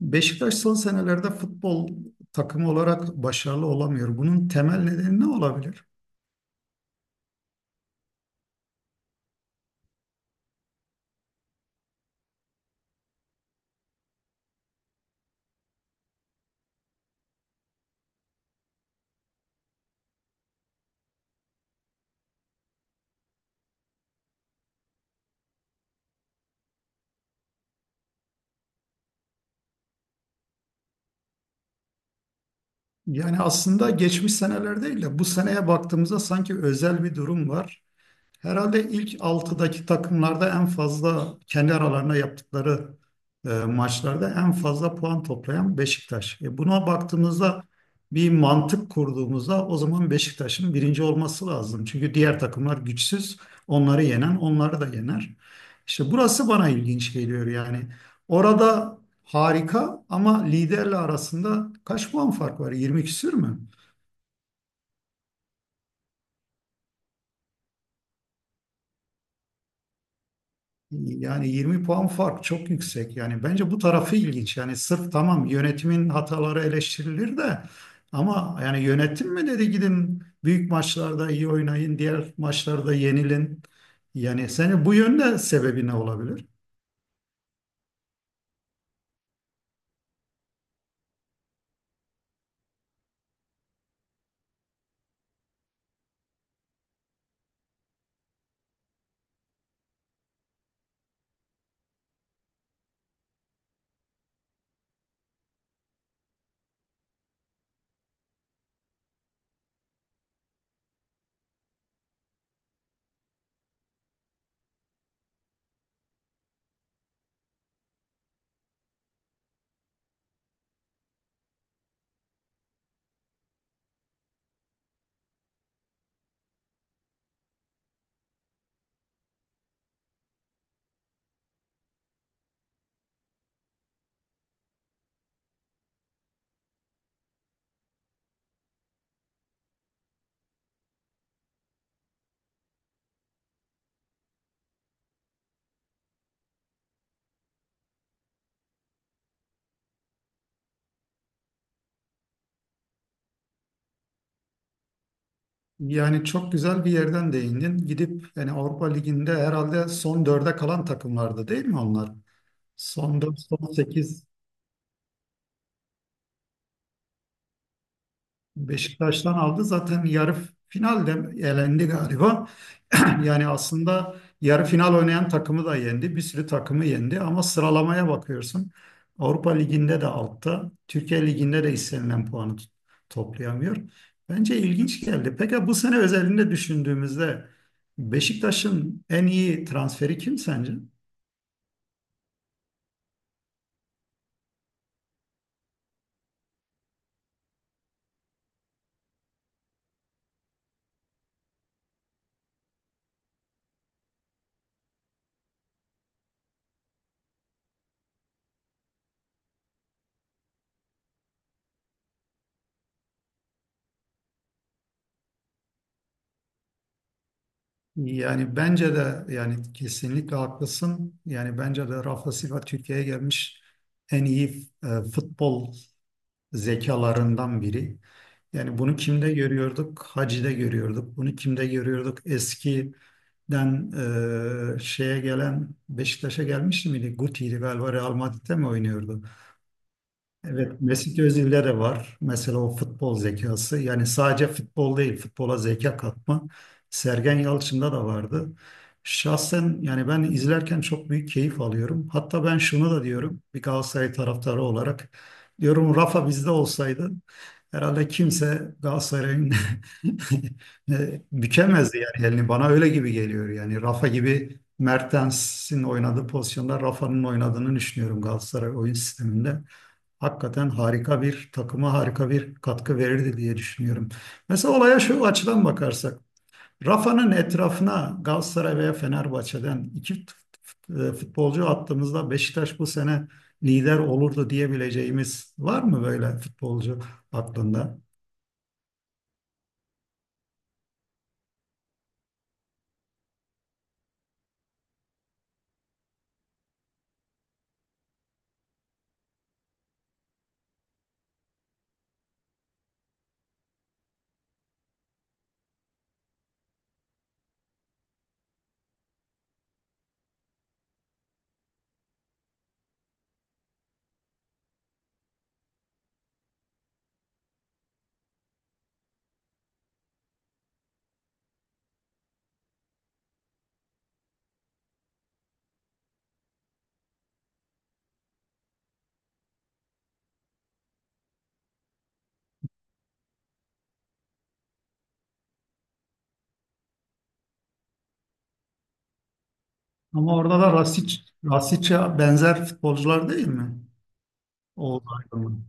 Beşiktaş son senelerde futbol takımı olarak başarılı olamıyor. Bunun temel nedeni ne olabilir? Yani aslında geçmiş seneler değil de bu seneye baktığımızda sanki özel bir durum var. Herhalde ilk altıdaki takımlarda en fazla kendi aralarında yaptıkları maçlarda en fazla puan toplayan Beşiktaş. Buna baktığımızda bir mantık kurduğumuzda o zaman Beşiktaş'ın birinci olması lazım. Çünkü diğer takımlar güçsüz, onları yenen onları da yener. İşte burası bana ilginç geliyor yani. Orada harika ama liderle arasında kaç puan fark var? 20 küsür mü? Yani 20 puan fark çok yüksek. Yani bence bu tarafı ilginç. Yani sırf tamam yönetimin hataları eleştirilir de ama yani yönetim mi dedi gidin büyük maçlarda iyi oynayın, diğer maçlarda yenilin. Yani seni bu yönde sebebi ne olabilir? Yani çok güzel bir yerden değindin. Gidip yani Avrupa Ligi'nde herhalde son dörde kalan takımlardı değil mi onlar? Son 4, son 8. Beşiktaş'tan aldı. Zaten yarı finalde elendi galiba. Yani aslında yarı final oynayan takımı da yendi. Bir sürü takımı yendi ama sıralamaya bakıyorsun. Avrupa Ligi'nde de altta, Türkiye Ligi'nde de istenilen puanı toplayamıyor. Bence ilginç geldi. Peki bu sene özelinde düşündüğümüzde Beşiktaş'ın en iyi transferi kim sence? Yani bence de yani kesinlikle haklısın. Yani bence de Rafa Silva Türkiye'ye gelmiş en iyi futbol zekalarından biri. Yani bunu kimde görüyorduk? Hacı'da görüyorduk. Bunu kimde görüyorduk? Eskiden şeye gelen Beşiktaş'a gelmişti miydi? Guti'ydi galiba Real Madrid'de mi oynuyordu? Evet, Mesut Özil'de de var. Mesela o futbol zekası. Yani sadece futbol değil, futbola zeka katma. Sergen Yalçın'da da vardı. Şahsen yani ben izlerken çok büyük keyif alıyorum. Hatta ben şunu da diyorum bir Galatasaray taraftarı olarak. Diyorum Rafa bizde olsaydı herhalde kimse Galatasaray'ın bükemezdi yani elini. Bana öyle gibi geliyor yani. Rafa gibi Mertens'in oynadığı pozisyonda Rafa'nın oynadığını düşünüyorum Galatasaray oyun sisteminde hakikaten harika bir takıma harika bir katkı verirdi diye düşünüyorum. Mesela olaya şu açıdan bakarsak, Rafa'nın etrafına Galatasaray veya Fenerbahçe'den iki futbolcu attığımızda Beşiktaş bu sene lider olurdu diyebileceğimiz var mı böyle futbolcu aklında? Ama orada da Rasic, Rasic'e benzer futbolcular değil mi? Oğuz Aydın.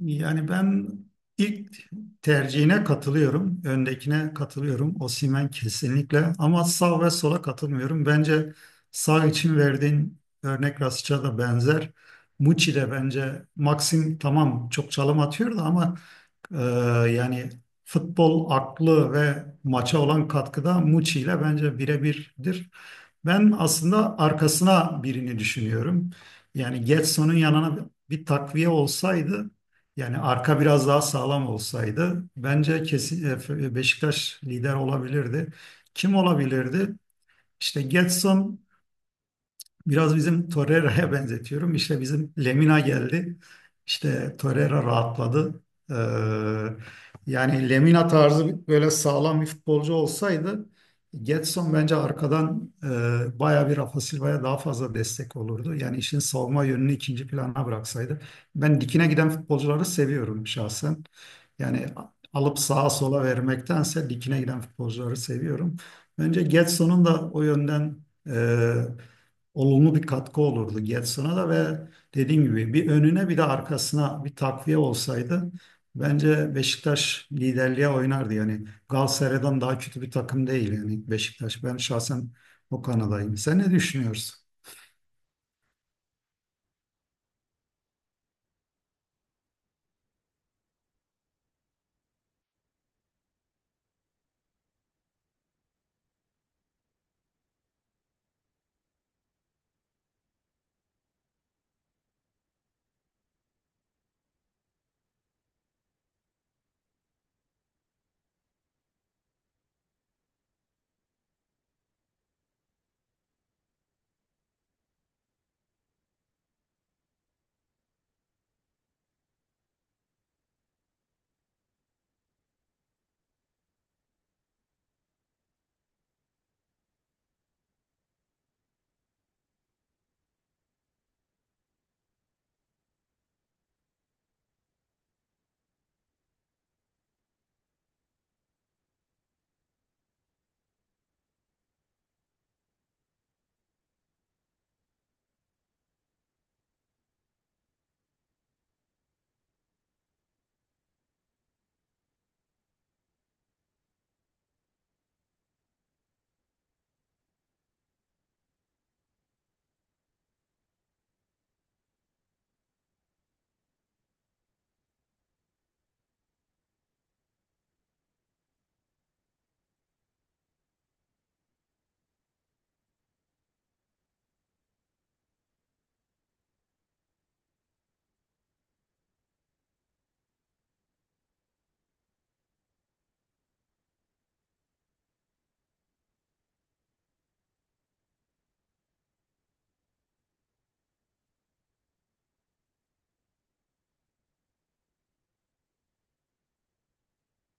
Yani ben ilk tercihine katılıyorum. Öndekine katılıyorum. Osimhen kesinlikle. Ama sağ ve sola katılmıyorum. Bence sağ için verdiğin örnek Rasic'a da benzer. Muçi de bence Maxim tamam çok çalım atıyor da ama ee, yani futbol aklı ve maça olan katkıda Muçi ile bence birebirdir. Ben aslında arkasına birini düşünüyorum. Yani Getson'un yanına bir takviye olsaydı, yani arka biraz daha sağlam olsaydı bence kesin Beşiktaş lider olabilirdi. Kim olabilirdi? İşte Getson biraz bizim Torreira'ya benzetiyorum. İşte bizim Lemina geldi. İşte Torreira rahatladı. Ee, Yani Lemina tarzı böyle sağlam bir futbolcu olsaydı Gedson bence arkadan bayağı bir Rafa Silva'ya daha fazla destek olurdu. Yani işin savunma yönünü ikinci plana bıraksaydı. Ben dikine giden futbolcuları seviyorum şahsen. Yani alıp sağa sola vermektense dikine giden futbolcuları seviyorum. Bence Gedson'un da o yönden e, olumlu bir katkı olurdu Getson'a da ve dediğim gibi bir önüne bir de arkasına bir takviye olsaydı bence Beşiktaş liderliğe oynardı. Yani Galatasaray'dan daha kötü bir takım değil yani Beşiktaş. Ben şahsen o kanadayım. Sen ne düşünüyorsun?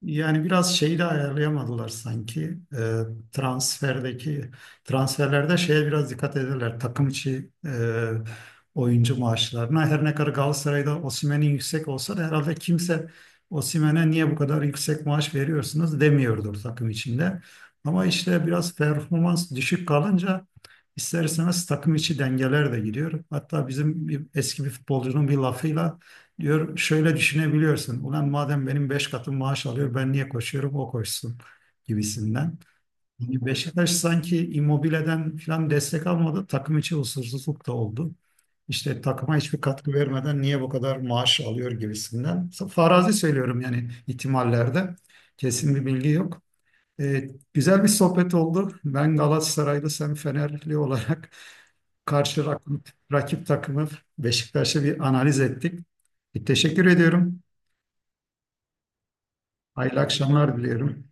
Yani biraz şeyi de ayarlayamadılar sanki. Transferdeki transferlerde şeye biraz dikkat ederler. Takım içi oyuncu maaşlarına. Her ne kadar Galatasaray'da Osimhen'in yüksek olsa da herhalde kimse Osimhen'e niye bu kadar yüksek maaş veriyorsunuz demiyordur takım içinde. Ama işte biraz performans düşük kalınca ister istemez takım içi dengeler de gidiyor. Hatta bizim eski bir futbolcunun bir lafıyla diyor şöyle düşünebiliyorsun. Ulan madem benim beş katım maaş alıyor ben niye koşuyorum o koşsun gibisinden. Yani Beşiktaş sanki Immobile'den falan destek almadı. Takım içi huzursuzluk da oldu. İşte takıma hiçbir katkı vermeden niye bu kadar maaş alıyor gibisinden. Farazi söylüyorum yani ihtimallerde. Kesin bir bilgi yok. Evet, güzel bir sohbet oldu. Ben Galatasaraylı, sen Fenerli olarak karşı rakip, rakip takımı Beşiktaş'ı bir analiz ettik. Bir teşekkür ediyorum. Hayırlı akşamlar diliyorum.